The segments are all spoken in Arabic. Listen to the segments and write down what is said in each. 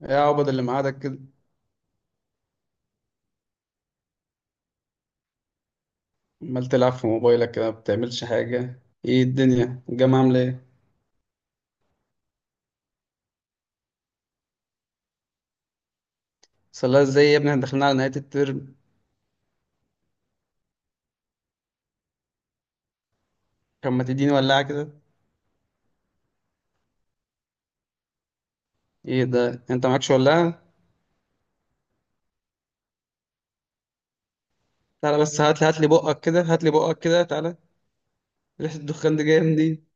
يا عبد، اللي معادك كده؟ عمال تلعب في موبايلك كده، ما بتعملش حاجة. ايه الدنيا؟ الجامعة عاملة ايه؟ صلاة ازاي يا ابني؟ احنا داخلين على نهاية الترم. كان ما تديني ولاعة كده. ايه ده، انت معكش ولاعة؟ تعالى بس، هات لي بقك كده، هات لي بقك كده، تعالى. ريحة الدخان دي جاية منين؟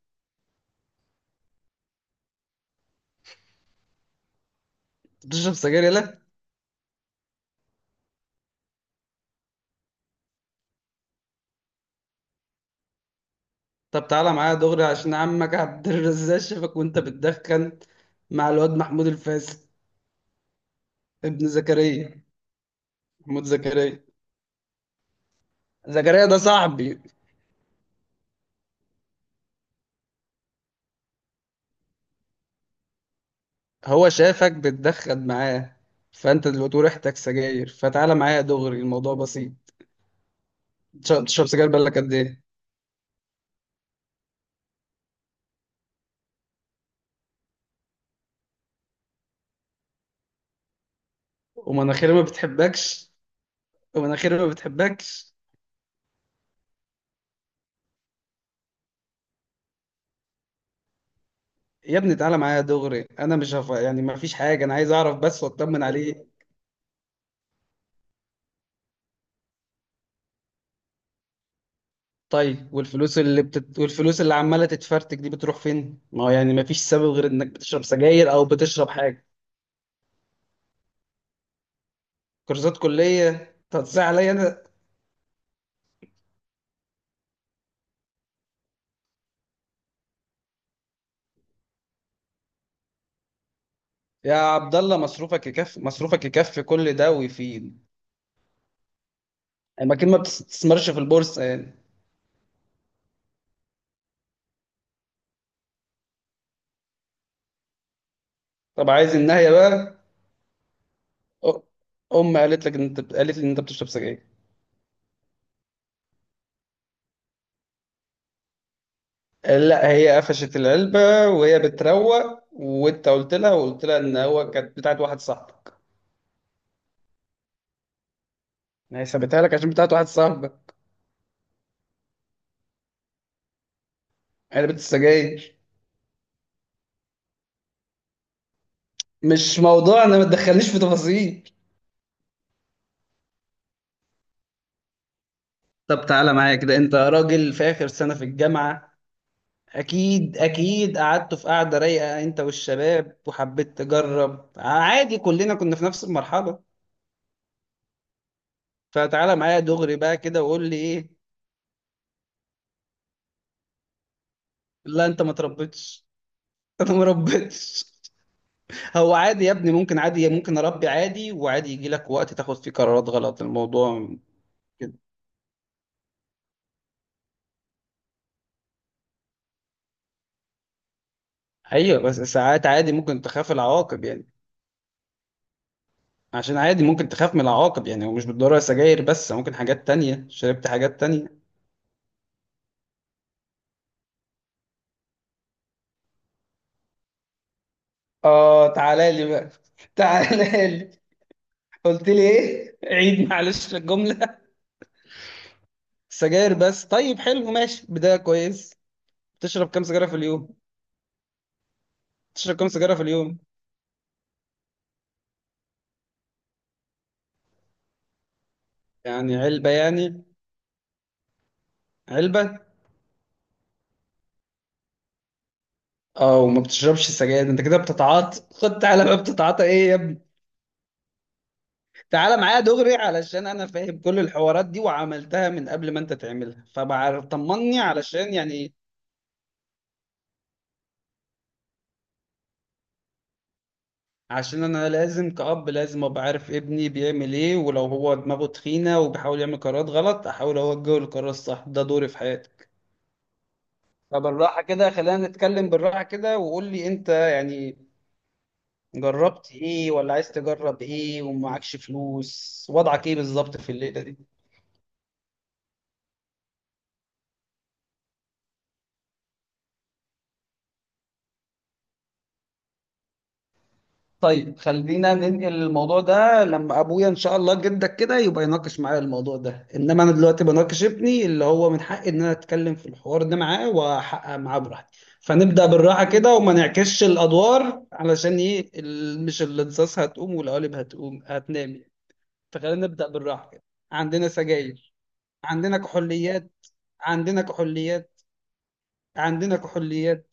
أنت بتشرب سجاير، يالا. طب تعالى معايا دغري، عشان عمك عبد الرزاق شافك وانت بتدخن مع الواد محمود الفاسد ابن زكريا، محمود زكريا. زكريا ده صاحبي. هو شافك بتدخن معاه، فانت دلوقتي ريحتك سجاير، فتعالى معايا يا دغري، الموضوع بسيط. تشرب سجاير بقالك قد ايه؟ ومناخيري ما بتحبكش، ومناخيري ما بتحبكش. يا ابني تعالى معايا يا دغري، انا مش يعني ما فيش حاجه، انا عايز اعرف بس واطمن عليه. طيب، والفلوس اللي والفلوس اللي عماله تتفرتك دي بتروح فين؟ ما هو يعني ما فيش سبب غير انك بتشرب سجاير او بتشرب حاجه. كورسات كليه تتصل عليا انا؟ يا عبد الله، مصروفك يكفي، مصروفك يكفي كل ده ويفيد. اماكن ما بتستثمرش في البورصه يعني؟ طب عايز النهايه بقى. أ- ام قالت لك ان انت، قالت لي ان انت بتشرب سجاير. لا، هي قفشت العلبه وهي بتروق، وانت قلت لها، وقلت لها ان هو كانت بتاعت واحد صاحبك. ما هي سابتها لك عشان بتاعت واحد صاحبك. علبه السجاير. مش موضوع، انا ما تدخلنيش في تفاصيل. طب تعالى معايا كده، انت راجل في اخر سنه في الجامعه. اكيد اكيد قعدتوا في قعده رايقه انت والشباب، وحبيت تجرب عادي، كلنا كنا في نفس المرحله. فتعالى معايا دغري بقى كده وقول لي ايه. لا انت ما تربيتش. انا ما ربيتش. هو عادي يا ابني، ممكن عادي ممكن اربي عادي، وعادي يجي لك وقت تاخد فيه قرارات غلط، الموضوع كده. ايوه بس ساعات عادي ممكن تخاف العواقب يعني. عشان عادي ممكن تخاف من العواقب يعني، ومش بالضرورة سجاير بس، ممكن حاجات تانية، شربت حاجات تانية. اه تعالى لي بقى. تعالى لي. قلت لي ايه؟ عيد معلش الجملة. سجاير بس، طيب حلو، ماشي بداية كويس. بتشرب كام سجارة في اليوم؟ بتشرب كام سيجارة في اليوم؟ يعني علبة يعني، علبة. اه، وما بتشربش سجاير انت كده، بتتعاطى. خد تعالى بقى، بتتعاطى ايه يا ابني؟ تعالى معايا دغري، علشان انا فاهم كل الحوارات دي وعملتها من قبل ما انت تعملها، فبعرف، طمني علشان يعني. عشان انا لازم كأب لازم ابقى عارف ابني بيعمل ايه، ولو هو دماغه تخينة وبيحاول يعمل قرارات غلط، احاول اوجهه للقرار الصح، ده دوري في حياتك. فبالراحة كده خلينا نتكلم بالراحة كده، وقول لي انت يعني جربت ايه، ولا عايز تجرب ايه، ومعكش فلوس، وضعك ايه بالظبط في الليله دي. طيب، خلينا ننقل الموضوع ده لما ابويا ان شاء الله جدك كده يبقى يناقش معايا الموضوع ده، انما انا دلوقتي بناقش ابني اللي هو من حقي ان انا اتكلم في الحوار ده معاه، واحقق معاه براحتي. فنبدا بالراحه كده، وما نعكسش الادوار، علشان ايه مش الانصاص هتقوم والقوالب هتقوم هتنام يعني. فخلينا نبدا بالراحه كده. عندنا سجاير، عندنا كحوليات، عندنا كحوليات، عندنا كحوليات.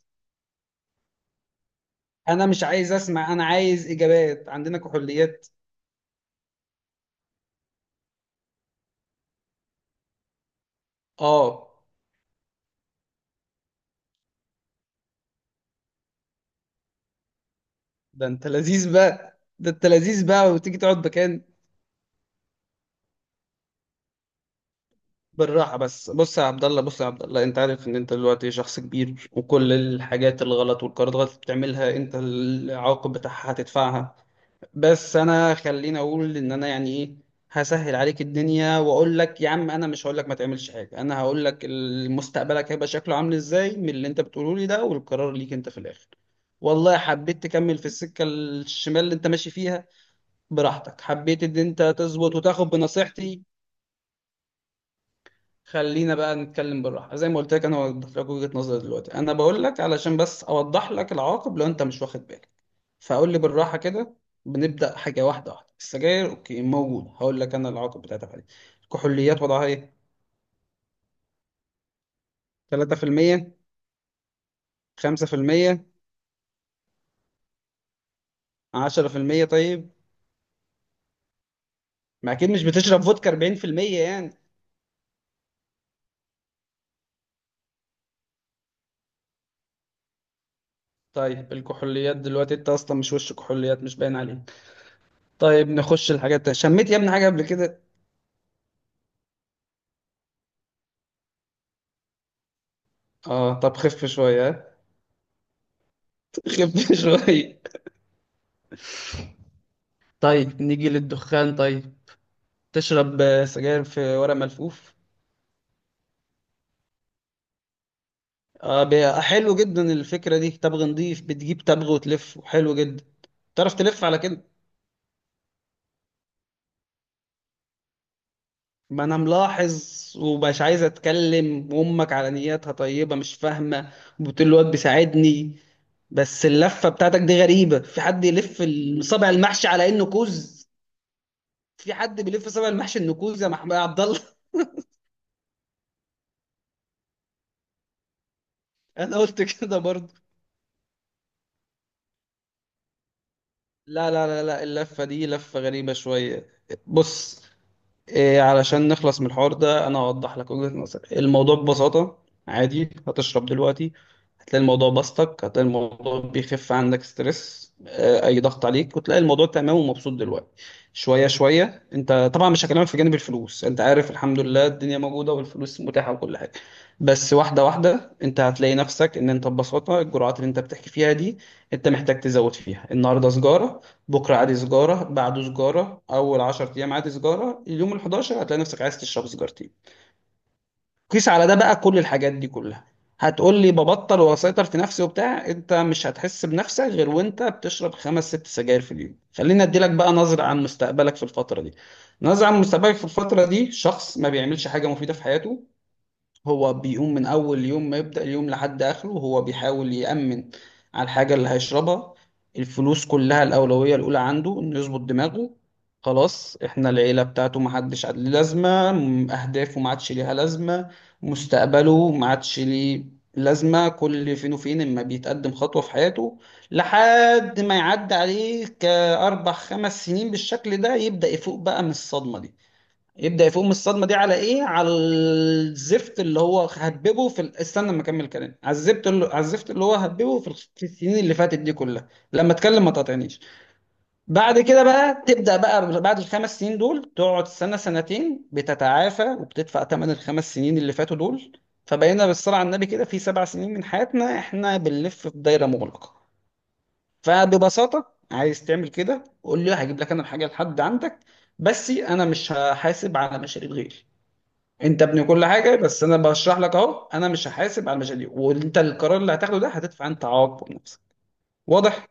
انا مش عايز اسمع، انا عايز اجابات. عندنا كحوليات. اه، ده انت لذيذ بقى، ده انت لذيذ بقى، وتيجي تقعد مكان. بالراحه بس، بص يا عبد الله، بص يا عبد الله، انت عارف ان انت دلوقتي شخص كبير، وكل الحاجات الغلط والقرارات الغلط اللي بتعملها، انت العواقب بتاعها هتدفعها. بس انا خليني اقول ان انا يعني ايه، هسهل عليك الدنيا واقول لك يا عم، انا مش هقول لك ما تعملش حاجه، انا هقول لك مستقبلك هيبقى شكله عامل ازاي من اللي انت بتقوله لي ده، والقرار ليك انت في الاخر. والله حبيت تكمل في السكه الشمال اللي انت ماشي فيها، براحتك. حبيت ان انت تظبط وتاخد بنصيحتي. خلينا بقى نتكلم بالراحه زي ما قلت لك، انا وضحت لك وجهه نظري دلوقتي، انا بقول لك علشان بس اوضح لك العواقب لو انت مش واخد بالك. فقول لي بالراحه كده، بنبدا حاجه واحده واحده. السجاير اوكي، موجود، هقول لك انا العواقب بتاعتها فعلا. الكحوليات وضعها ايه؟ 3%؟ 5%؟ 10%؟ طيب، ما اكيد مش بتشرب فودكا 40% يعني. طيب الكحوليات دلوقتي انت اصلا مش وش كحوليات، مش باين عليك. طيب نخش الحاجات التانية. شميت يا ابني حاجه قبل كده؟ اه، طب خف شويه ها؟ خف شويه. طيب نيجي للدخان طيب. تشرب سجاير في ورق ملفوف؟ آه، حلو جدا الفكرة دي، تبغ نضيف، بتجيب تبغ وتلف، وحلو جدا. تعرف تلف على كده؟ ما انا ملاحظ، ومش عايز اتكلم، وامك على نياتها طيبة مش فاهمة وبتقول الواد بيساعدني. بس اللفة بتاعتك دي غريبة، في حد يلف صابع المحشي على انه كوز؟ في حد بيلف صابع المحشي انه كوز يا محمد يا عبد الله؟ انا قلت كده برضه. لا لا لا لا، اللفة دي لفة غريبة شوية. بص، إيه، علشان نخلص من الحوار ده أنا هوضح لك وجهة نظري، الموضوع ببساطة، عادي هتشرب دلوقتي، هتلاقي الموضوع بسطك، هتلاقي الموضوع بيخف عندك ستريس، أي ضغط عليك، وتلاقي الموضوع تمام ومبسوط دلوقتي. شوية شوية أنت طبعا مش هكلمك في جانب الفلوس، أنت عارف الحمد لله الدنيا موجودة والفلوس متاحة وكل حاجة. بس واحدة واحدة أنت هتلاقي نفسك إن أنت ببساطة الجرعات اللي أنت بتحكي فيها دي أنت محتاج تزود فيها. النهاردة سجارة، بكرة عادي سجارة، بعده سجارة، أول 10 أيام عادي سجارة، اليوم ال 11 هتلاقي نفسك عايز تشرب سجارتين. قيس على ده بقى كل الحاجات دي كلها. هتقول لي ببطل وأسيطر في نفسي وبتاع، أنت مش هتحس بنفسك غير وأنت بتشرب خمس ست سجاير في اليوم. خليني أديلك بقى نظرة عن مستقبلك في الفترة دي. نظرة عن مستقبلك في الفترة دي، شخص ما بيعملش حاجة مفيدة في حياته، هو بيقوم من أول يوم ما يبدأ اليوم لحد آخره هو بيحاول يأمن على الحاجة اللي هيشربها. الفلوس كلها الأولوية الأولى عنده إنه يظبط دماغه. خلاص إحنا العيلة بتاعته محدش ليه لازمة، أهدافه ما عادش ليها لازمة، مستقبله ما عادش ليه لازمة، كل فين وفين إما بيتقدم خطوة في حياته، لحد ما يعدي عليه كأربع خمس سنين بالشكل ده، يبدأ يفوق بقى من الصدمة دي. يبدأ يفوق من الصدمة دي على ايه؟ على الزفت اللي هو هتببه في استنى ما اكمل كلام، على الزفت اللي، على الزفت اللي هو هتببه في، في السنين اللي فاتت دي كلها، لما اتكلم ما تقاطعنيش. بعد كده بقى تبدأ بقى، بعد الخمس سنين دول تقعد سنة سنتين بتتعافى وبتدفع ثمن الخمس سنين اللي فاتوا دول. فبقينا بالصلاة على النبي كده في سبع سنين من حياتنا احنا بنلف في دايرة مغلقة. فببساطة عايز تعمل كده، قول لي، هجيب لك انا الحاجة لحد عندك، بس انا مش هحاسب على مشاريب غيري. انت ابني كل حاجه، بس انا بشرح لك اهو، انا مش هحاسب على المشاريع، وانت القرار اللي هتاخده ده هتدفع انت عواقبه بنفسك. واضح؟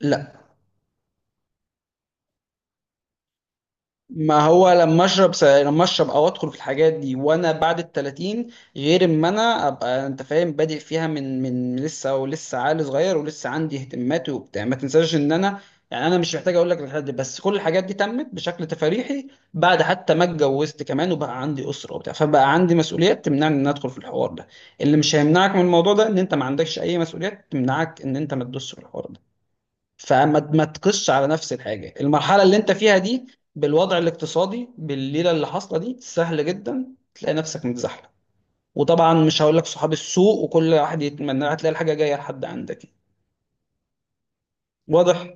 لا، ما هو لما لما اشرب او ادخل في الحاجات دي وانا بعد ال 30، غير اما انا ابقى انت فاهم بادئ فيها من لسه، ولسه عقل صغير ولسه عندي اهتماماتي وبتاع. ما تنساش ان انا يعني انا مش محتاج اقول لك الحاجات دي، بس كل الحاجات دي تمت بشكل تفريحي بعد حتى ما اتجوزت كمان وبقى عندي اسره وبتاع، فبقى عندي مسؤوليات تمنعني ان أنا ادخل في الحوار ده. اللي مش هيمنعك من الموضوع ده ان انت ما عندكش اي مسؤوليات تمنعك ان انت ما تدوسش في الحوار ده. فما ما تقصش على نفس الحاجه، المرحله اللي انت فيها دي بالوضع الاقتصادي بالليله اللي حاصله دي، سهل جدا تلاقي نفسك متزحلق، وطبعا مش هقول لك صحاب السوق وكل واحد يتمنى هتلاقي الحاجه جايه لحد عندك يعني. واضح؟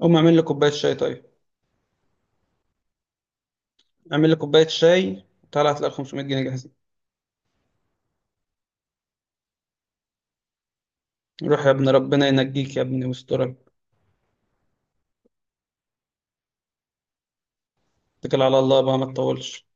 قوم اعمل لي كوبايه شاي طيب، اعمل لي كوبايه شاي، طلعت هتلاقي 500 جنيه جاهزين. روح يا ابن، ربنا ينجيك يا ابني ويسترك، اتكل على الله بقى، ما تطولش.